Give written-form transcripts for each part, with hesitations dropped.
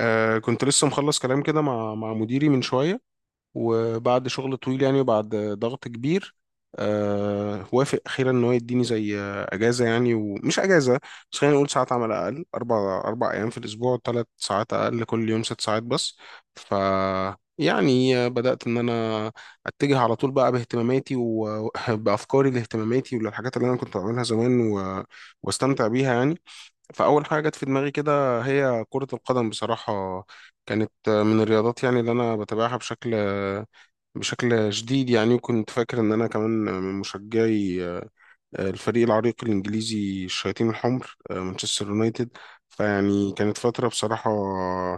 كنت لسه مخلص كلام كده مع مديري من شوية، وبعد شغل طويل يعني وبعد ضغط كبير. آه، وافق أخيرا إن هو يديني زي أجازة، يعني ومش أجازة بس خلينا نقول ساعات عمل أقل. أربع أيام في الأسبوع، ثلاث ساعات أقل كل يوم، ست ساعات بس. ف يعني بدأت إن أنا أتجه على طول بقى باهتماماتي وبأفكاري لاهتماماتي وللحاجات اللي أنا كنت بعملها زمان واستمتع بيها يعني. فأول حاجة جت في دماغي كده هي كرة القدم بصراحة. كانت من الرياضات يعني اللي أنا بتابعها بشكل شديد يعني، وكنت فاكر إن أنا كمان من مشجعي الفريق العريق الإنجليزي الشياطين الحمر، مانشستر يونايتد. فيعني كانت فترة بصراحة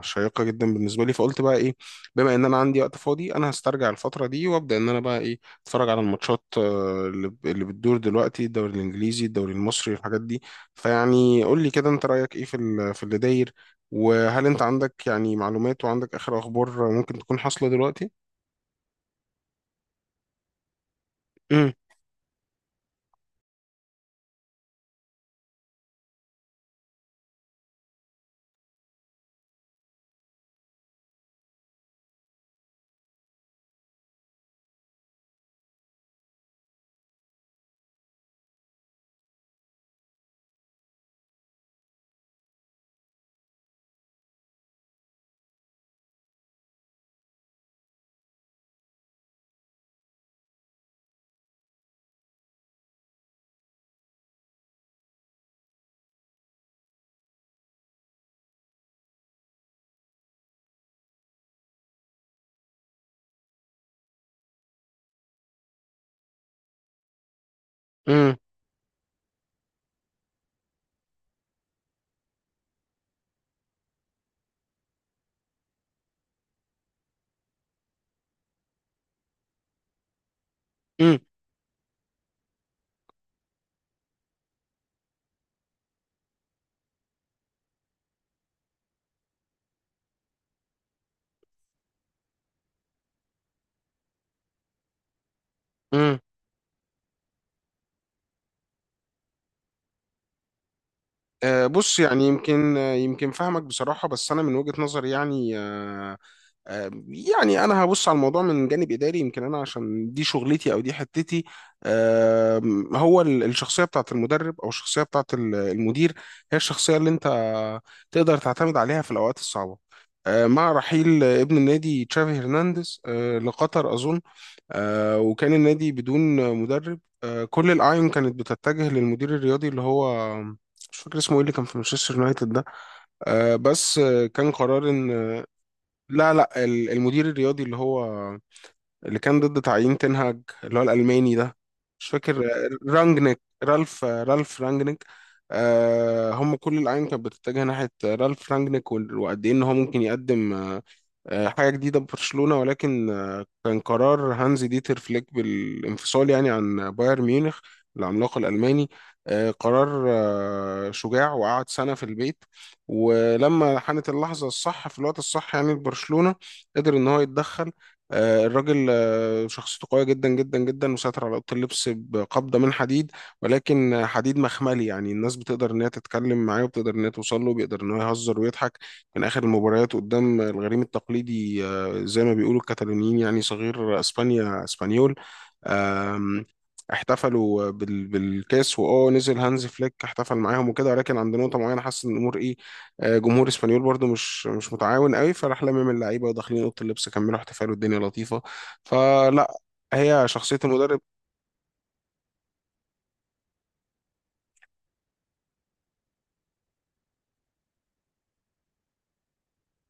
شيقة جدا بالنسبة لي. فقلت بقى إيه، بما إن أنا عندي وقت فاضي أنا هسترجع الفترة دي وأبدأ إن أنا بقى إيه، أتفرج على الماتشات اللي بتدور دلوقتي، الدوري الإنجليزي، الدوري المصري، الحاجات دي. فيعني قول لي كده، أنت رأيك إيه في في اللي داير؟ وهل أنت عندك يعني معلومات وعندك آخر أخبار ممكن تكون حاصلة دلوقتي؟ امم امم آه، بص يعني يمكن، يمكن فاهمك بصراحة، بس أنا من وجهة نظري يعني. يعني أنا هبص على الموضوع من جانب إداري، يمكن أنا عشان دي شغلتي أو دي حتتي. آه، هو الشخصية بتاعت المدرب أو الشخصية بتاعت المدير هي الشخصية اللي أنت تقدر تعتمد عليها في الأوقات الصعبة. آه، مع رحيل ابن النادي تشافي هرنانديز لقطر أظن، آه، وكان النادي بدون مدرب. آه، كل الأعين كانت بتتجه للمدير الرياضي اللي هو، مش فاكر اسمه ايه، اللي كان في مانشستر يونايتد ده. آه، بس آه، كان قرار ان آه، لا لا، المدير الرياضي اللي هو اللي كان ضد تعيين تنهاج، اللي هو الألماني ده. مش فاكر، رانجنيك رالف، رالف رانجنيك. آه، هم كل الأعين كانت بتتجه ناحية رالف رانجنيك، وقد ايه ان هو ممكن يقدم حاجة جديدة ببرشلونة. ولكن كان قرار هانزي ديتر فليك بالانفصال يعني عن بايرن ميونخ العملاق الألماني. قرار شجاع، وقعد سنة في البيت. ولما حانت اللحظة الصح في الوقت الصح يعني، برشلونة قدر إن هو يتدخل. آه، الراجل شخصيته قوية جدا جدا جدا، وسيطر على أوضة اللبس بقبضة من حديد، ولكن حديد مخملي. يعني الناس بتقدر إن هي تتكلم معاه، وبتقدر إن هي توصل له، بيقدر إن هو يهزر ويضحك. كان آخر المباريات قدام الغريم التقليدي زي ما بيقولوا الكتالونيين يعني صغير اسبانيا، اسبانيول. آم، احتفلوا بالكاس، واه، نزل هانز فليك احتفل معاهم وكده، ولكن عند نقطه معينه حس ان الامور ايه، جمهور اسبانيول برضو مش متعاون قوي، فراح لمم اللعيبه وداخلين اوضه اللبس كملوا احتفال والدنيا لطيفه. فلا، هي شخصيه المدرب.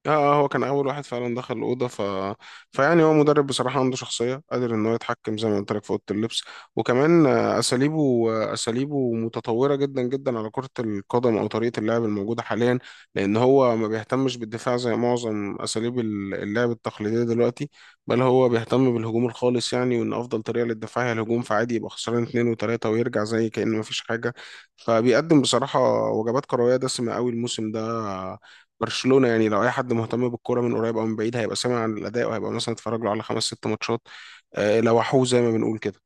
اه، آه، هو كان اول واحد فعلا دخل الاوضه. فيعني هو مدرب بصراحه عنده شخصيه قادر ان هو يتحكم زي ما قلت لك في اوضه اللبس. وكمان اساليبه متطوره جدا جدا على كره القدم او طريقه اللعب الموجوده حاليا، لان هو ما بيهتمش بالدفاع زي معظم اساليب اللعب التقليديه دلوقتي. بل هو بيهتم بالهجوم الخالص، يعني وان افضل طريقه للدفاع هي الهجوم. فعادي يبقى خسران اتنين وتلاته ويرجع زي كأنه ما فيش حاجه. فبيقدم بصراحه وجبات كرويه دسمه قوي الموسم ده برشلونة. يعني لو اي حد مهتم بالكوره من قريب او من بعيد هيبقى سامع عن الاداء، وهيبقى مثلا اتفرج له على خمس ست ماتشات. آه، لوحوه زي ما بنقول كده.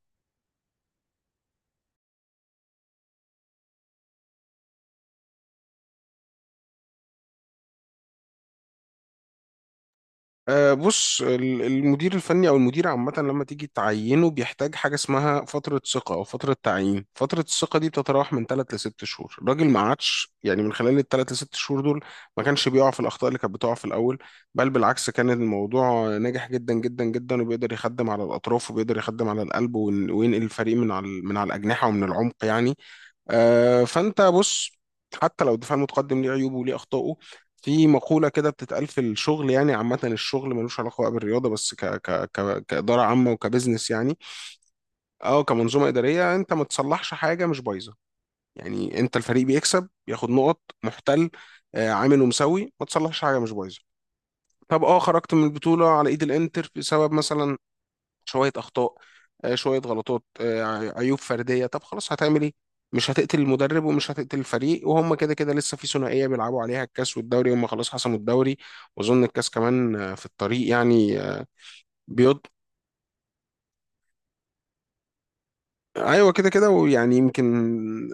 آه، بص، المدير الفني او المدير عامه لما تيجي تعينه بيحتاج حاجه اسمها فتره ثقه او فتره تعيين. فتره الثقه دي بتتراوح من 3 ل 6 شهور. الراجل ما عادش يعني من خلال الثلاث ل 6 شهور دول ما كانش بيقع في الاخطاء اللي كانت بتقع في الاول. بل بالعكس، كان الموضوع ناجح جدا جدا جدا، وبيقدر يخدم على الاطراف وبيقدر يخدم على القلب، وينقل الفريق من على من على الاجنحه ومن العمق يعني. آه، فانت بص، حتى لو الدفاع المتقدم ليه عيوبه وليه اخطائه، في مقولة كده بتتقال في الشغل، يعني عامة الشغل ملوش علاقة بقى بالرياضة، بس ك كإدارة عامة وكبزنس يعني، أو كمنظومة إدارية، أنت ما تصلحش حاجة مش بايظة. يعني أنت الفريق بيكسب، ياخد نقط، محتل، عامل، ومسوي، ما تصلحش حاجة مش بايظة. طب اه، خرجت من البطولة على ايد الانتر بسبب مثلا شوية أخطاء، شوية غلطات، عيوب فردية. طب خلاص، هتعمل إيه؟ مش هتقتل المدرب ومش هتقتل الفريق، وهم كده كده لسه في ثنائية بيلعبوا عليها، الكاس والدوري. هم خلاص حسموا الدوري، وأظن الكاس كمان في الطريق يعني. بيض، ايوه كده كده. ويعني يمكن،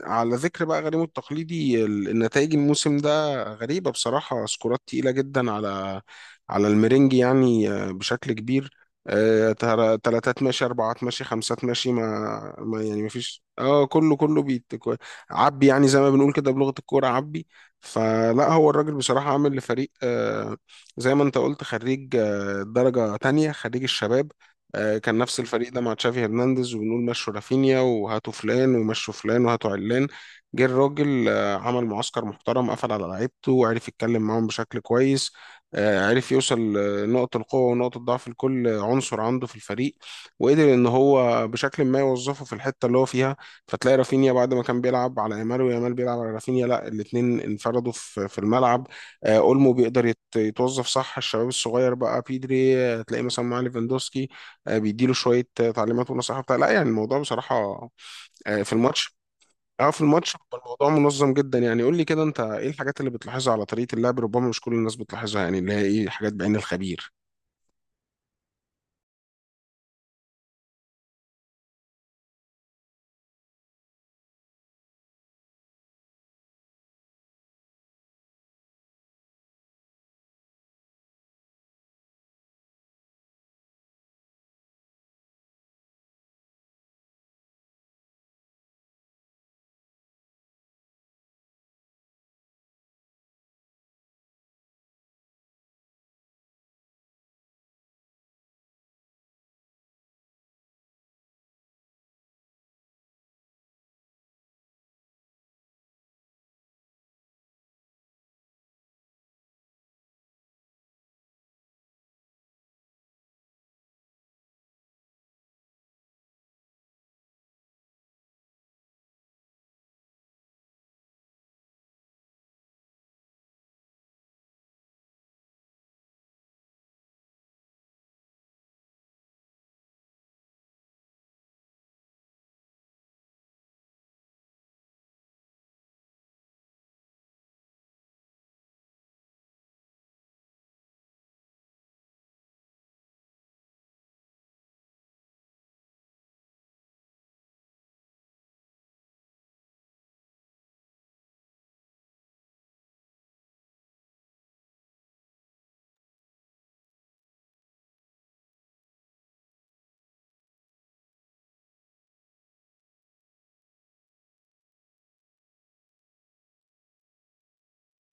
على ذكر بقى غريم التقليدي، النتائج الموسم ده غريبه بصراحه، سكورات تقيله جدا على على الميرينج يعني بشكل كبير. ترى تلاتات ماشي، اربعات ماشي، خمسات ماشي، ما يعني ما فيش اه، كله كله بيت عبي، يعني زي ما بنقول كده بلغه الكوره، عبي. فلا، هو الراجل بصراحه عامل لفريق زي ما انت قلت خريج درجه تانية، خريج الشباب. آه، كان نفس الفريق ده مع تشافي هرنانديز، وبنقول مشوا رافينيا وهاتوا فلان ومشوا فلان وهاتوا علان. جه الراجل عمل معسكر محترم، قفل على لعيبته وعرف يتكلم معاهم بشكل كويس. عرف يوصل نقط القوة ونقط الضعف لكل عنصر عنده في الفريق، وقدر ان هو بشكل ما يوظفه في الحتة اللي هو فيها. فتلاقي رافينيا بعد ما كان بيلعب على يامال ويامال بيلعب على رافينيا، لا، الاتنين انفردوا في في الملعب. آه، اولمو بيقدر يتوظف صح. الشباب الصغير بقى بيدري، آه، تلاقيه مثلا مع ليفاندوسكي بيديله شويه تعليمات ونصائح بتاع. لا يعني الموضوع بصراحه في الماتش، اه في الماتش بيبقى الموضوع منظم جدا. يعني قول لي كده، انت ايه الحاجات اللي بتلاحظها على طريقه اللعب ربما مش كل الناس بتلاحظها؟ يعني اللي هي ايه، حاجات بعين الخبير.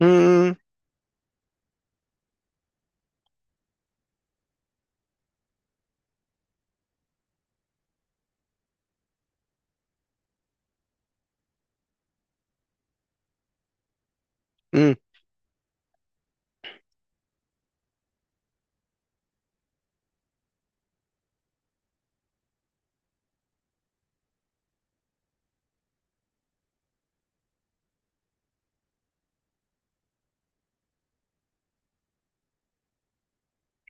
امم امم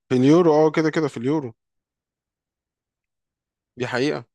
في اليورو اه، كده كده في اليورو. دي حقيقه.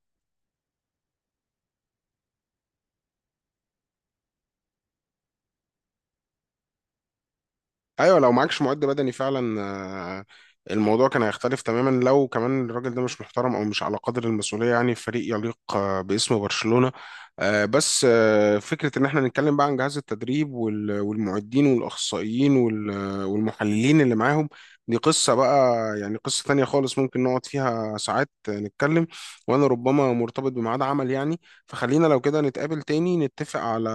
ايوه، لو معكش معد بدني فعلا الموضوع كان هيختلف تماما. لو كمان الراجل ده مش محترم او مش على قدر المسؤوليه يعني في فريق يليق باسم برشلونه. آه، بس آه، فكره ان احنا نتكلم بقى عن جهاز التدريب والمعدين والاخصائيين والمحللين اللي معاهم، دي قصه بقى يعني قصه تانية خالص، ممكن نقعد فيها ساعات نتكلم. وانا ربما مرتبط بميعاد عمل يعني. فخلينا لو كده نتقابل تاني، نتفق على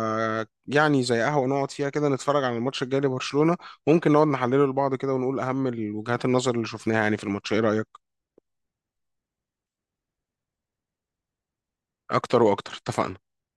يعني زي قهوه نقعد فيها كده نتفرج على الماتش الجاي لبرشلونه، ممكن نقعد نحلله لبعض كده ونقول أهم الوجهات النظر اللي شفناها يعني في الماتش. إيه رأيك؟ أكتر وأكتر، اتفقنا.